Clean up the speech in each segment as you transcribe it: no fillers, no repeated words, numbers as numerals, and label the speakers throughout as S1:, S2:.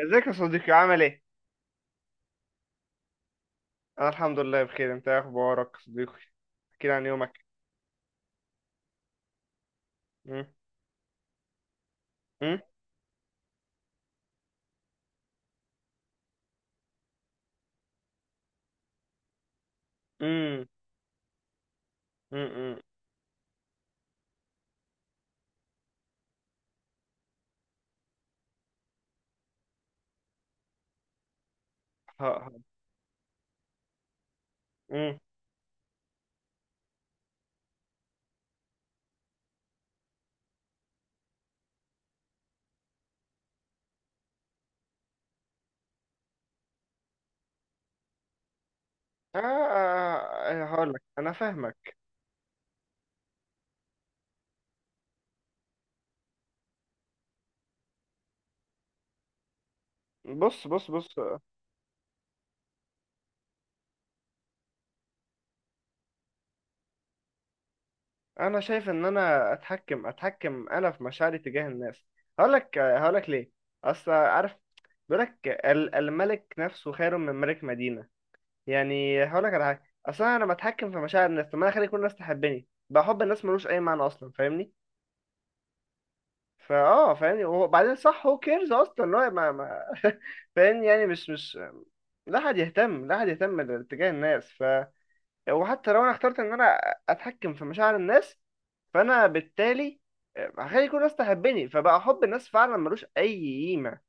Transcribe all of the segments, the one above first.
S1: ازيك يا صديقي؟ عامل ايه؟ انا الحمد لله بخير. انت ايه اخبارك يا صديقي؟ احكي لي عن يومك. مم، مم، مم، مم، مم. ه- ه- مم. آه، آه، آه، هقول لك انا فاهمك. بص، بص، بص. انا شايف ان انا اتحكم انا في مشاعري تجاه الناس. هقول لك ليه. اصل عارف، بيقول لك الملك نفسه خير من ملك مدينة. يعني هقول لك على حاجة، اصل انا لما اتحكم في مشاعر الناس، طب ما انا اخلي كل الناس تحبني، بقى حب الناس ملوش اي معنى اصلا، فاهمني؟ فاهمني وبعدين، صح، هو كيرز اصلا؟ لا، ما فاهمني. يعني مش، لا حد يهتم، لا حد يهتم لاتجاه الناس. وحتى لو انا اخترت ان انا اتحكم في مشاعر الناس، فانا بالتالي هخلي كل الناس تحبني، فبقى حب الناس فعلا ملوش اي قيمه.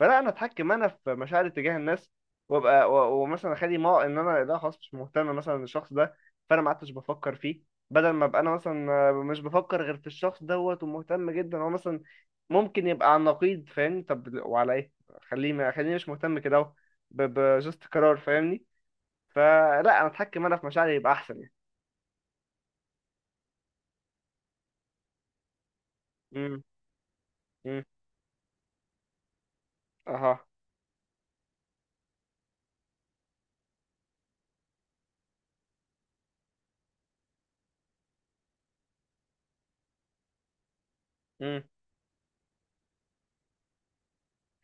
S1: فلا، انا اتحكم انا في مشاعري تجاه الناس، وابقى ومثلا اخلي، ما ان انا لا خلاص مش مهتم مثلا الشخص ده، فانا ما عدتش بفكر فيه، بدل ما ابقى انا مثلا مش بفكر غير في الشخص دوت ومهتم جدا هو مثلا. ممكن يبقى عن نقيض فاهمني؟ طب وعلى ايه؟ خليه، ما خليني مش مهتم كده اهو. بجست قرار، فاهمني؟ فلا، انا اتحكم انا في مشاعري يبقى احسن يعني. امم. امم. اها. امم.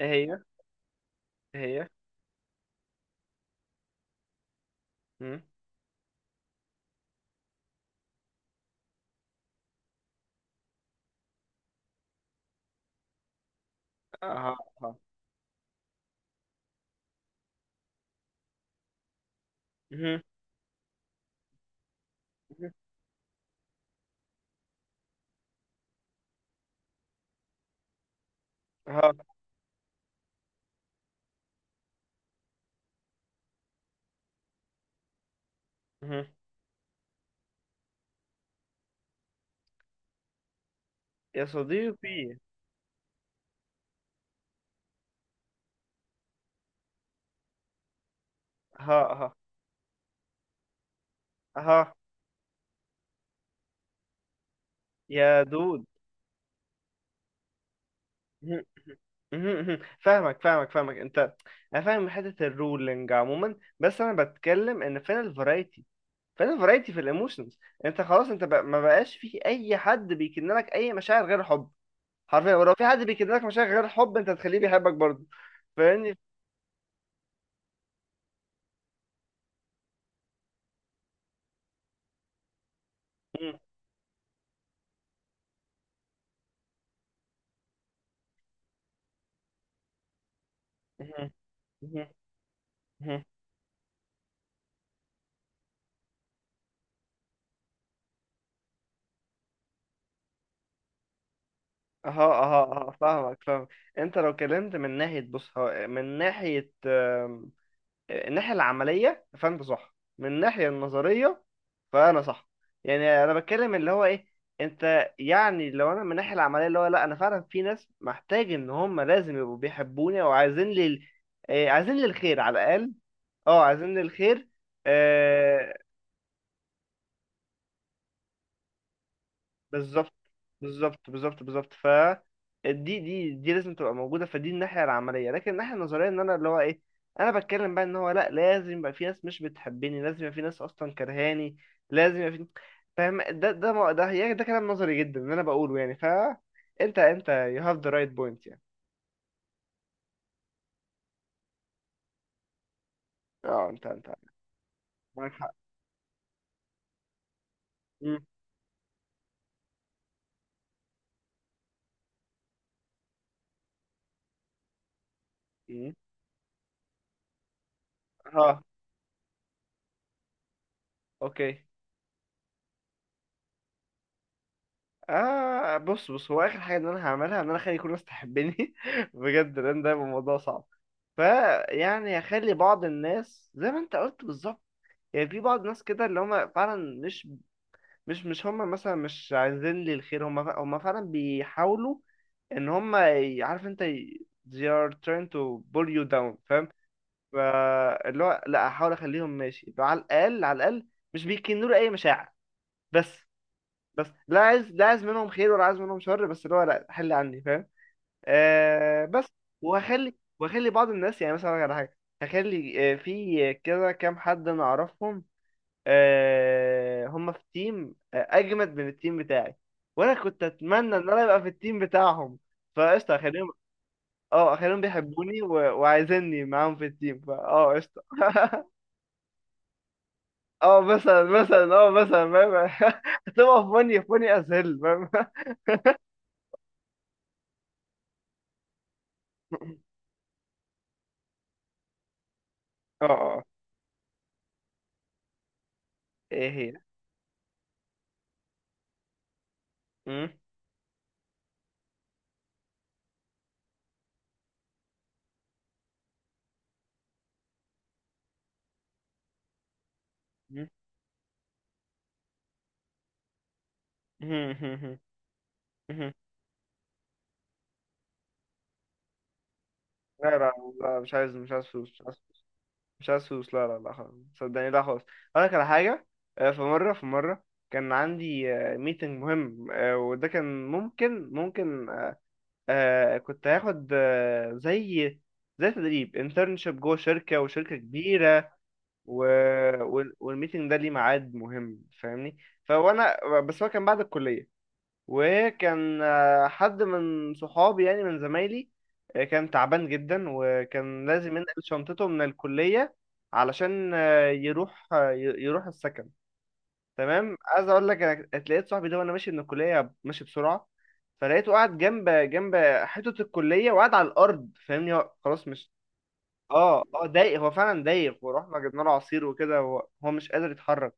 S1: ايه هي؟ ايه هي؟ امم. اها، اها. امم. اها. امم. يا صديقي. اها، اها، اها. يا دود. مهم، مهم، مهم. فاهمك، فاهمك، فاهمك انت. انا فاهم حته الرولينج عموما، بس انا بتكلم ان فين الفرايتي، فين الفرايتي في الايموشنز؟ انت خلاص، انت بقى ما بقاش في اي حد بيكن لك اي مشاعر غير حب، حرفيا. ولو في حد بيكن لك مشاعر غير حب انت هتخليه بيحبك برضه. فاهمني؟ مم. مم. مم. مم. اها، اها، اها. فاهمك، فاهمك. انت لو كلمت من ناحيه، بص، هو من ناحيه آم، الناحيه العمليه فانت صح، من الناحيه النظريه فانا صح. يعني انا بتكلم اللي هو ايه. انت يعني لو انا من الناحيه العمليه، اللي هو لا، انا فعلا في ناس محتاج ان هم لازم يبقوا بيحبوني او عايزين لي آه، عايزين لي الخير على الاقل. اه، عايزين لي الخير. بالظبط، بالظبط، بالظبط، بالظبط. ف دي لازم تبقى موجوده، فدي الناحيه العمليه. لكن الناحيه النظريه، ان انا اللي هو ايه، انا بتكلم بقى ان هو لا، لازم يبقى في ناس مش بتحبني، لازم يبقى في ناس اصلا كرهاني، لازم يبقى في. فاهم؟ ده ده يعني ده كلام نظري جدا اللي انا بقوله يعني. ف انت you have the right point يعني. اه، انت انت. معاك حق. مم. مم. ها. اوكي. آه، بص، بص، هو آخر حاجة إن أنا هعملها إن أنا أخلي كل الناس تحبني بجد، لأن ده يبقى موضوع صعب. فيعني هخلي بعض الناس زي ما أنت قلت بالظبط. يعني في بعض الناس كده اللي هما فعلا مش هما مثلا مش عايزين لي الخير، هما هما فعلا بيحاولوا إن هما عارف أنت، they are trying to pull you down، فاهم؟ فاللي هو لأ، أحاول أخليهم ماشي على الأقل، على الأقل مش بيكنوا لي أي مشاعر، بس. لا عايز، لا عايز منهم خير ولا عايز منهم شر، بس اللي هو لا حل عني، فاهم؟ آه بس. وهخلي بعض الناس، يعني مثلا أقول لك على حاجه، هخلي آه في كده كام حد انا اعرفهم، آه هم في تيم آه اجمد من التيم بتاعي، وانا كنت اتمنى ان انا ابقى في التيم بتاعهم. فقشطه، اخليهم، اه اخليهم بيحبوني و... وعايزيني معاهم في التيم، فا اه قشطه اه مثلا، مثلا اه مثلا فاهم هتبقى فوني، فوني از هيل، فاهم؟ اه، آه. ايه هي؟ مم؟ مم؟ مم؟ مم؟ مم؟ لا، لا، لا، مش عايز، مش عايز فلوس، مش عايز فلوس، مش عايز فلوس، لا، لا، لا، خلاص صدقني، لا خلاص. اقول لك على حاجه. آه، في مره كان عندي ميتنج مهم، آه، وده كان ممكن آه، كنت هاخد آه، زي، زي تدريب انترنشيب جوه شركه، وشركه كبيره، و... والميتنج ده ليه ميعاد مهم فاهمني. فوانا بس هو كان بعد الكليه، وكان آه، حد من صحابي يعني من زمايلي، آه، كان تعبان جدا، وكان لازم ينقل شنطته من الكلية علشان آه، يروح آه، يروح السكن. تمام، عايز اقول لك انا اتلقيت صاحبي ده وانا ماشي من الكلية، ماشي بسرعة. فلقيته قاعد جنب جنب حيطة الكلية، وقاعد على الأرض، فاهمني، هو خلاص مش. اه اه، دايخ، هو فعلا دايخ. ورحنا جبنا له عصير وكده، هو مش قادر يتحرك.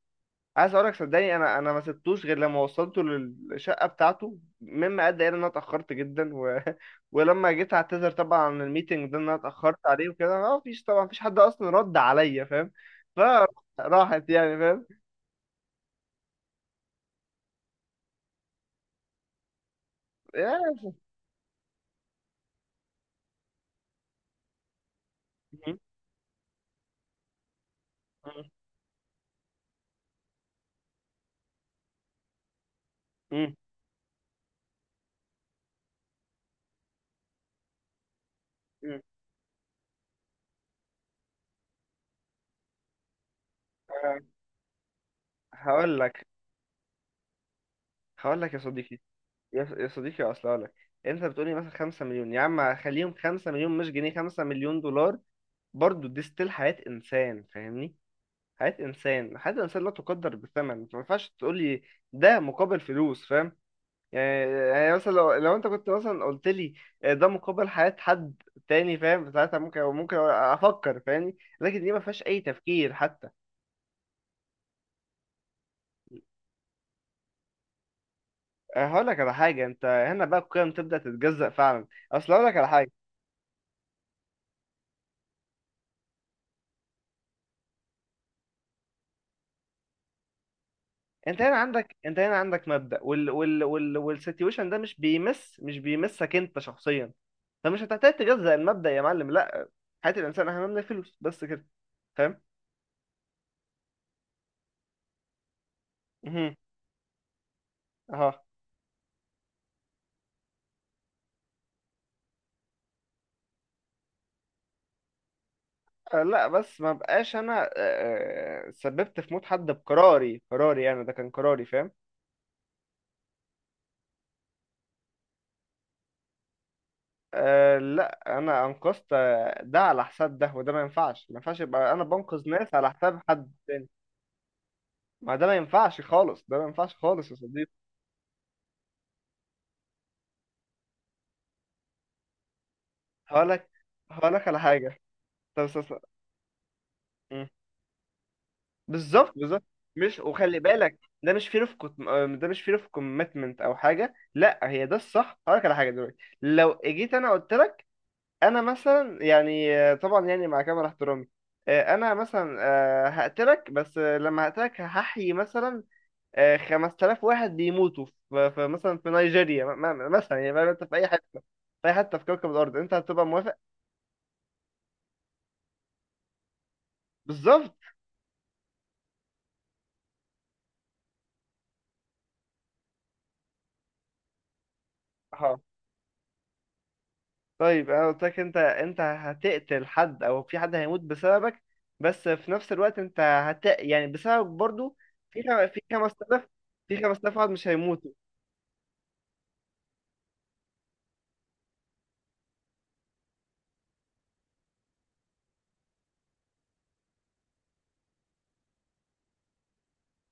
S1: عايز اقولك صدقني، انا ما سبتوش غير لما وصلته للشقه بتاعته، مما ادى الى ان انا اتاخرت جدا و... ولما جيت اعتذر طبعا عن الميتنج ده، ان انا اتاخرت عليه وكده، ما فيش طبعا، مفيش حد اصلا رد عليا، فاهم؟ فراحت يعني، فاهم؟ يا- م- م- م. آه، هقول لك هقول لك يا صديقي، يا صديقي اصل هقول لك، انت بتقولي مثلا 5 مليون؟ يا عم خليهم 5 مليون مش جنيه، 5 مليون دولار، برضه دي ستيل حياه انسان فاهمني. حياة إنسان، حياة إنسان لا تقدر بثمن، فما ينفعش تقول لي ده مقابل فلوس، فاهم؟ يعني، يعني مثلا لو، لو أنت كنت مثلا قلت لي آه، ده مقابل حياة حد تاني فاهم، ساعتها ممكن، ممكن أفكر فاهمني، لكن دي ما فيهاش أي تفكير حتى. آه، هقول لك على حاجة، أنت هنا بقى القيم تبدأ تتجزأ فعلا. أصل هقول لك على حاجة، انت هنا عندك، انت هنا عندك مبدأ، وال والسيتويشن ده مش بيمسك انت شخصيا، فمش هتحتاج تجزأ المبدأ يا معلم. لا، حياة الانسان اهم من الفلوس، بس كده. فاهم؟ مهم. اها. آه، لا بس ما بقاش انا آه، آه، سببت في موت حد بقراري، قراري يعني، ده كان قراري، فاهم؟ أه لا، انا انقذت آه، ده على حساب ده، وده ما ينفعش، ما ينفعش يبقى انا بنقذ ناس على حساب حد تاني. ما ده ما ينفعش خالص، ده ما ينفعش خالص يا صديقي. هقولك هقولك على حاجة، طب استنى. مم. بالظبط، بالظبط. مش، وخلي بالك ده مش فير اوف، ده مش فير اوف كوميتمنت او حاجه، لا هي ده الصح. هقولك على حاجه، دلوقتي لو جيت انا قلت لك، انا مثلا يعني آه، طبعا يعني مع كامل احترامي، آه، انا مثلا آه، هقتلك، بس آه، لما هقتلك هحيي مثلا آه، 5000 واحد بيموتوا في مثلا في نيجيريا، مثلا يعني فاهم، انت في اي حته، في اي حته في كوكب الارض، انت هتبقى موافق؟ بالظبط. طيب انا قلت لك انت، انت هتقتل حد او في حد هيموت بسببك، بس في نفس الوقت انت هت يعني، بسببك برضو في 5000، في 5000 واحد مش هيموتوا.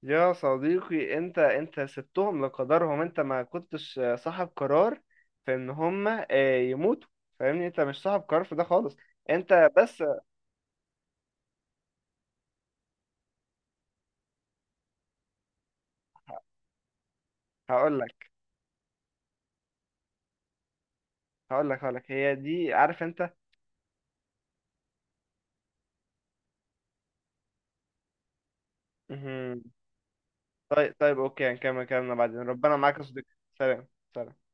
S1: يا صديقي، انت، انت سبتهم لقدرهم، انت ما كنتش صاحب قرار في ان هم آه، يموتوا، فاهمني؟ انت مش صاحب قرار في ده خالص. انت بس. هقول لك هقول لك هي دي، عارف انت. مهم. طيب، طيب، اوكي، هنكمل كلامنا بعدين، ربنا معاك يا صديقي. سلام. سلام.